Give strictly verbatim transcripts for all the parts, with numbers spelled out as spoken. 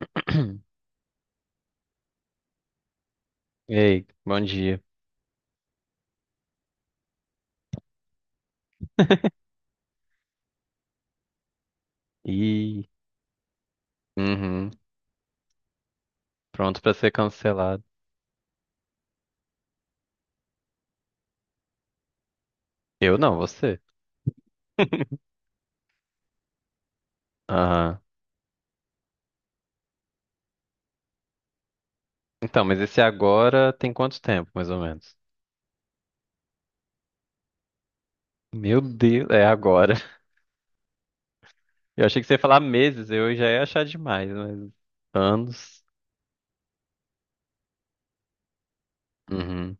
Ei, bom dia. Ih, uhum, pronto pra ser cancelado. Eu não, você. Aham. Então, mas esse agora tem quanto tempo, mais ou menos? Meu Deus, é agora. Eu achei que você ia falar meses, eu já ia achar demais, mas anos. Uhum,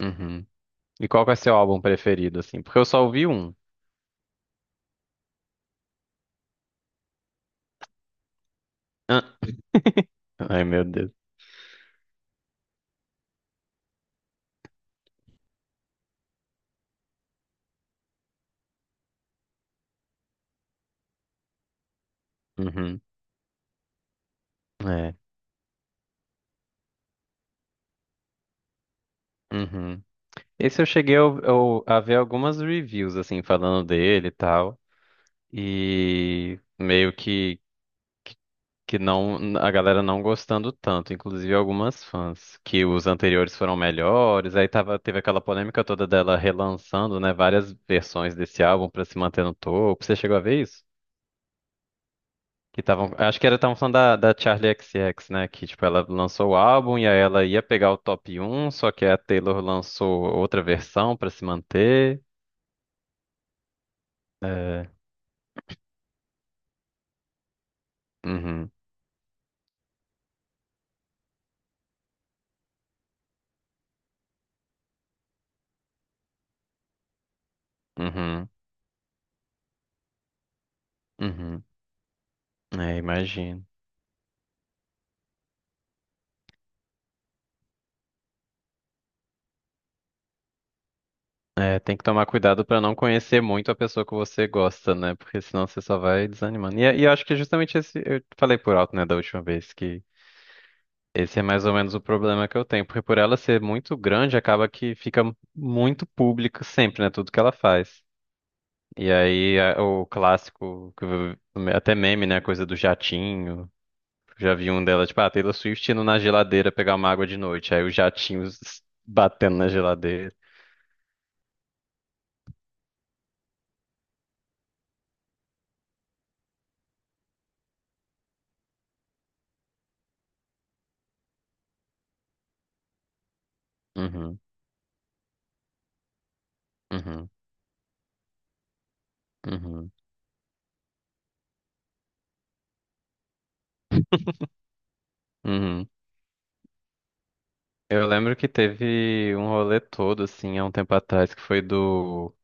uhum. E qual que é seu álbum preferido, assim? Porque eu só ouvi um. Ah. Ai, meu Deus. Uhum, é. Uhum. Esse eu cheguei a, a a ver algumas reviews, assim, falando dele e tal. E meio que, que não, a galera não gostando tanto, inclusive algumas fãs, que os anteriores foram melhores, aí tava, teve aquela polêmica toda dela relançando, né, várias versões desse álbum pra se manter no topo. Você chegou a ver isso? Que estavam, acho que era, estavam falando da, da Charli X, C X, né, que tipo ela lançou o álbum e aí ela ia pegar o top um, só que a Taylor lançou outra versão pra se manter. É, uhum, uhum, uhum. É, imagino. É, tem que tomar cuidado pra não conhecer muito a pessoa que você gosta, né? Porque senão você só vai desanimando. E, é, e eu acho que é justamente esse, eu falei por alto, né, da última vez, que esse é mais ou menos o problema que eu tenho. Porque por ela ser muito grande, acaba que fica muito público sempre, né? Tudo que ela faz. E aí a- o clássico, que eu- até meme, né? A coisa do jatinho. Já vi um dela, tipo, ah, Taylor Swift indo na geladeira pegar uma água de noite. Aí o jatinho s- batendo na geladeira. Uhum, uhum, uhum, uhum. Eu lembro que teve um rolê todo, assim, há um tempo atrás, que foi do,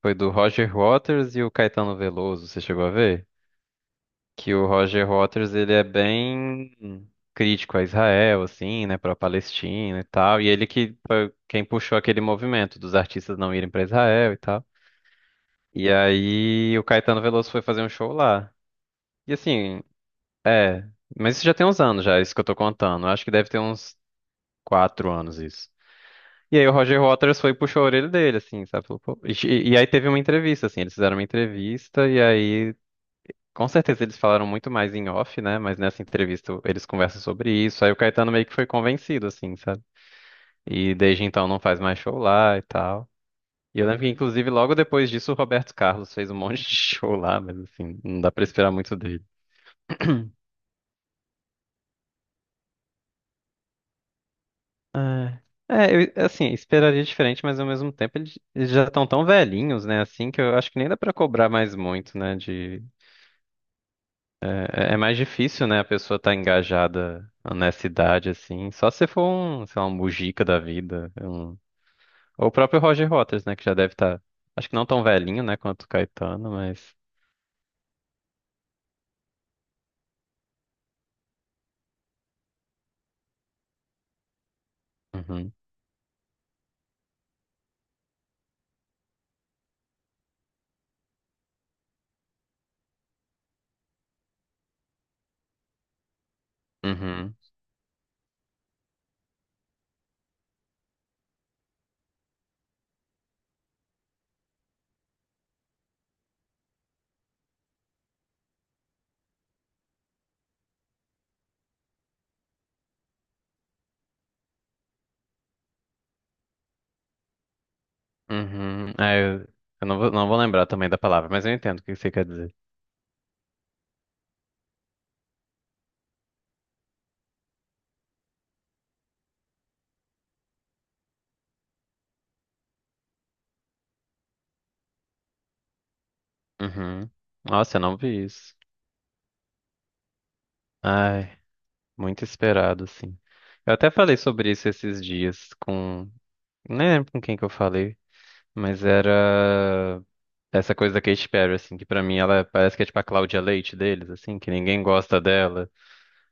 foi do Roger Waters e o Caetano Veloso, você chegou a ver? Que o Roger Waters, ele é bem crítico a Israel, assim, né, pra Palestina e tal, e ele que foi quem puxou aquele movimento dos artistas não irem pra Israel e tal. E aí o Caetano Veloso foi fazer um show lá. E assim, é, mas isso já tem uns anos já, isso que eu tô contando. Eu acho que deve ter uns quatro anos isso. E aí o Roger Waters foi e puxou a orelha dele, assim, sabe? Falou, "Pô". E, e aí teve uma entrevista, assim, eles fizeram uma entrevista e aí, com certeza eles falaram muito mais em off, né? Mas nessa entrevista eles conversam sobre isso. Aí o Caetano meio que foi convencido, assim, sabe? E desde então não faz mais show lá e tal. E eu lembro que, inclusive, logo depois disso o Roberto Carlos fez um monte de show lá, mas assim, não dá pra esperar muito dele. É, é, eu, assim, esperaria diferente, mas ao mesmo tempo eles, eles já estão tão velhinhos, né? Assim, que eu acho que nem dá pra cobrar mais muito, né? De É é mais difícil, né? A pessoa tá engajada nessa idade, assim. Só se for um, sei lá, um Mujica da vida. um- Ou o próprio Roger Waters, né? Que já deve estar. Acho que não tão velhinho, né? Quanto o Caetano, mas. Uhum, uhum, uhum. Ah, eu, eu não vou, não vou lembrar também da palavra, mas eu entendo o que você quer dizer. Uhum. Nossa, eu não vi isso. Ai, muito esperado, assim. Eu até falei sobre isso esses dias com... Nem lembro com quem que eu falei, mas era... Essa coisa da Katy Perry, assim, que pra mim ela parece que é tipo a Cláudia Leite deles, assim, que ninguém gosta dela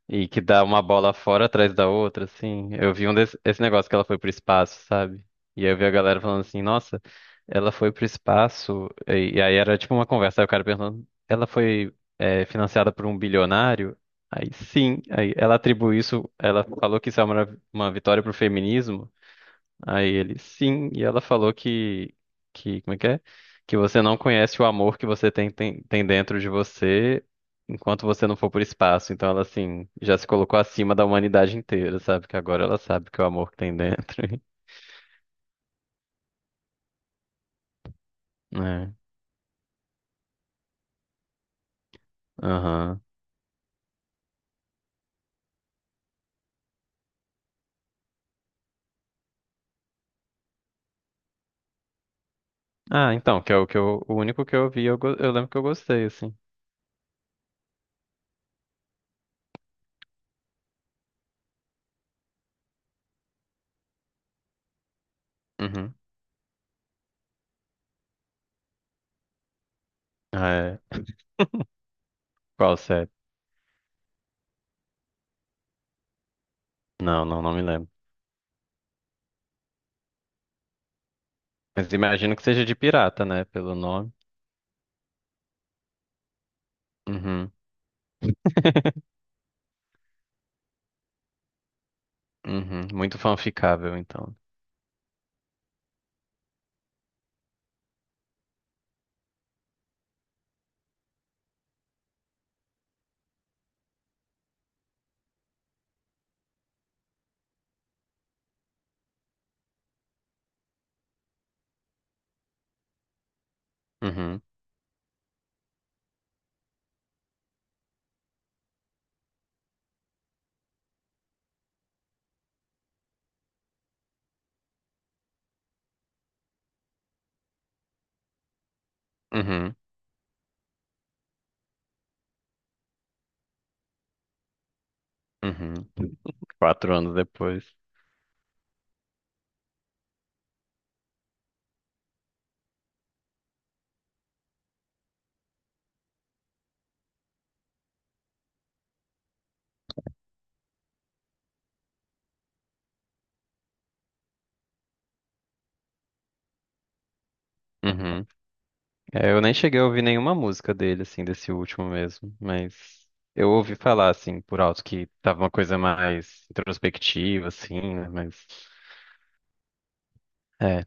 e que dá uma bola fora atrás da outra, assim. Eu vi um desse, esse negócio que ela foi pro espaço, sabe? E aí eu vi a galera falando assim, nossa, ela foi pro espaço, e, e aí era tipo uma conversa, aí o cara perguntando, ela foi é, financiada por um bilionário? Aí sim, aí ela atribui isso, ela falou que isso é uma, marav- uma vitória pro feminismo. Aí ele, sim, e ela falou que, que, como é que é? Que você não conhece o amor que você tem, tem, tem dentro de você enquanto você não for pro espaço. Então ela, assim, já se colocou acima da humanidade inteira, sabe? Que agora ela sabe que é o amor que tem dentro. É, aham. Ah, então, que é o que eu, o único que eu vi, eu, go- eu lembro que eu gostei, assim. Uhum. Ah, é. Qual série? Não, não, não me lembro. Mas imagino que seja de pirata, né? Pelo nome. Uhum. Uhum. Muito fanficável, então. Uhum. Uhum, uhum. Quatro anos depois. Uhum. É, eu nem cheguei a ouvir nenhuma música dele, assim, desse último mesmo, mas eu ouvi falar, assim, por alto que tava uma coisa mais introspectiva, assim, né? Mas é,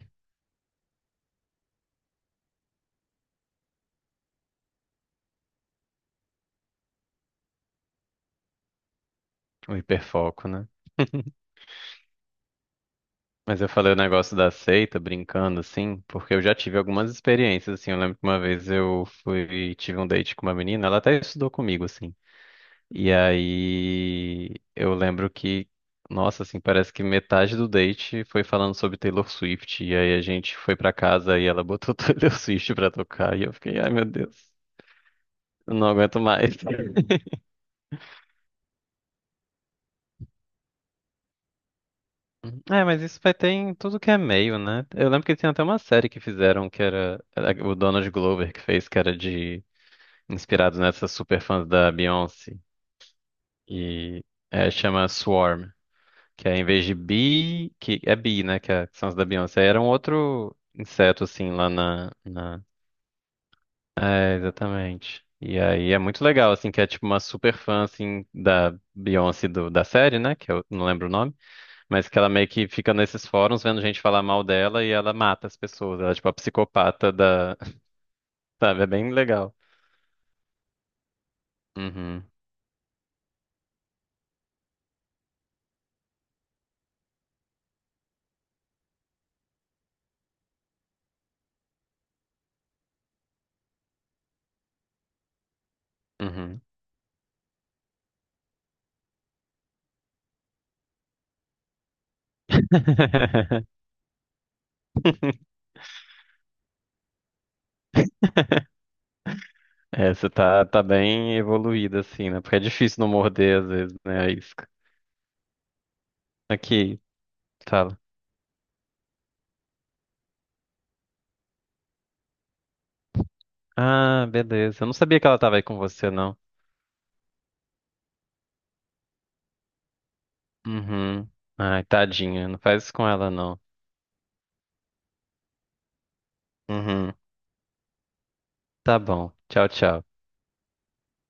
um hiperfoco, né? Mas eu falei o negócio da seita, brincando, assim, porque eu já tive algumas experiências, assim. Eu lembro que uma vez eu fui, tive um date com uma menina, ela até estudou comigo, assim. E aí eu lembro que, nossa, assim, parece que metade do date foi falando sobre Taylor Swift. E aí a gente foi pra casa e ela botou Taylor Swift pra tocar. E eu fiquei, ai meu Deus, eu não aguento mais. É, mas isso vai ter em tudo que é meio, né? Eu lembro que tinha até uma série que fizeram que era, era o Donald Glover que fez, que era de inspirado nessas superfãs da Beyoncé. E é, chama Swarm. Que é em vez de bee, que é bee, né? Que, é, que são as da Beyoncé. Era um outro inseto, assim, lá na, na... É, exatamente. E aí é muito legal, assim, que é tipo uma super fã, assim, da Beyoncé do- da série, né? Que eu não lembro o nome. Mas que ela meio que fica nesses fóruns vendo gente falar mal dela e ela mata as pessoas. Ela é tipo a psicopata da... Sabe? É bem legal. Uhum. Uhum. Essa tá, tá bem evoluída, assim, né? Porque é difícil não morder, às vezes, né? Aqui, fala. Ah, beleza. Eu não sabia que ela tava aí com você, não. Uhum. Ai, tadinha. Não faz isso com ela, não. Uhum. Tá bom. Tchau, tchau.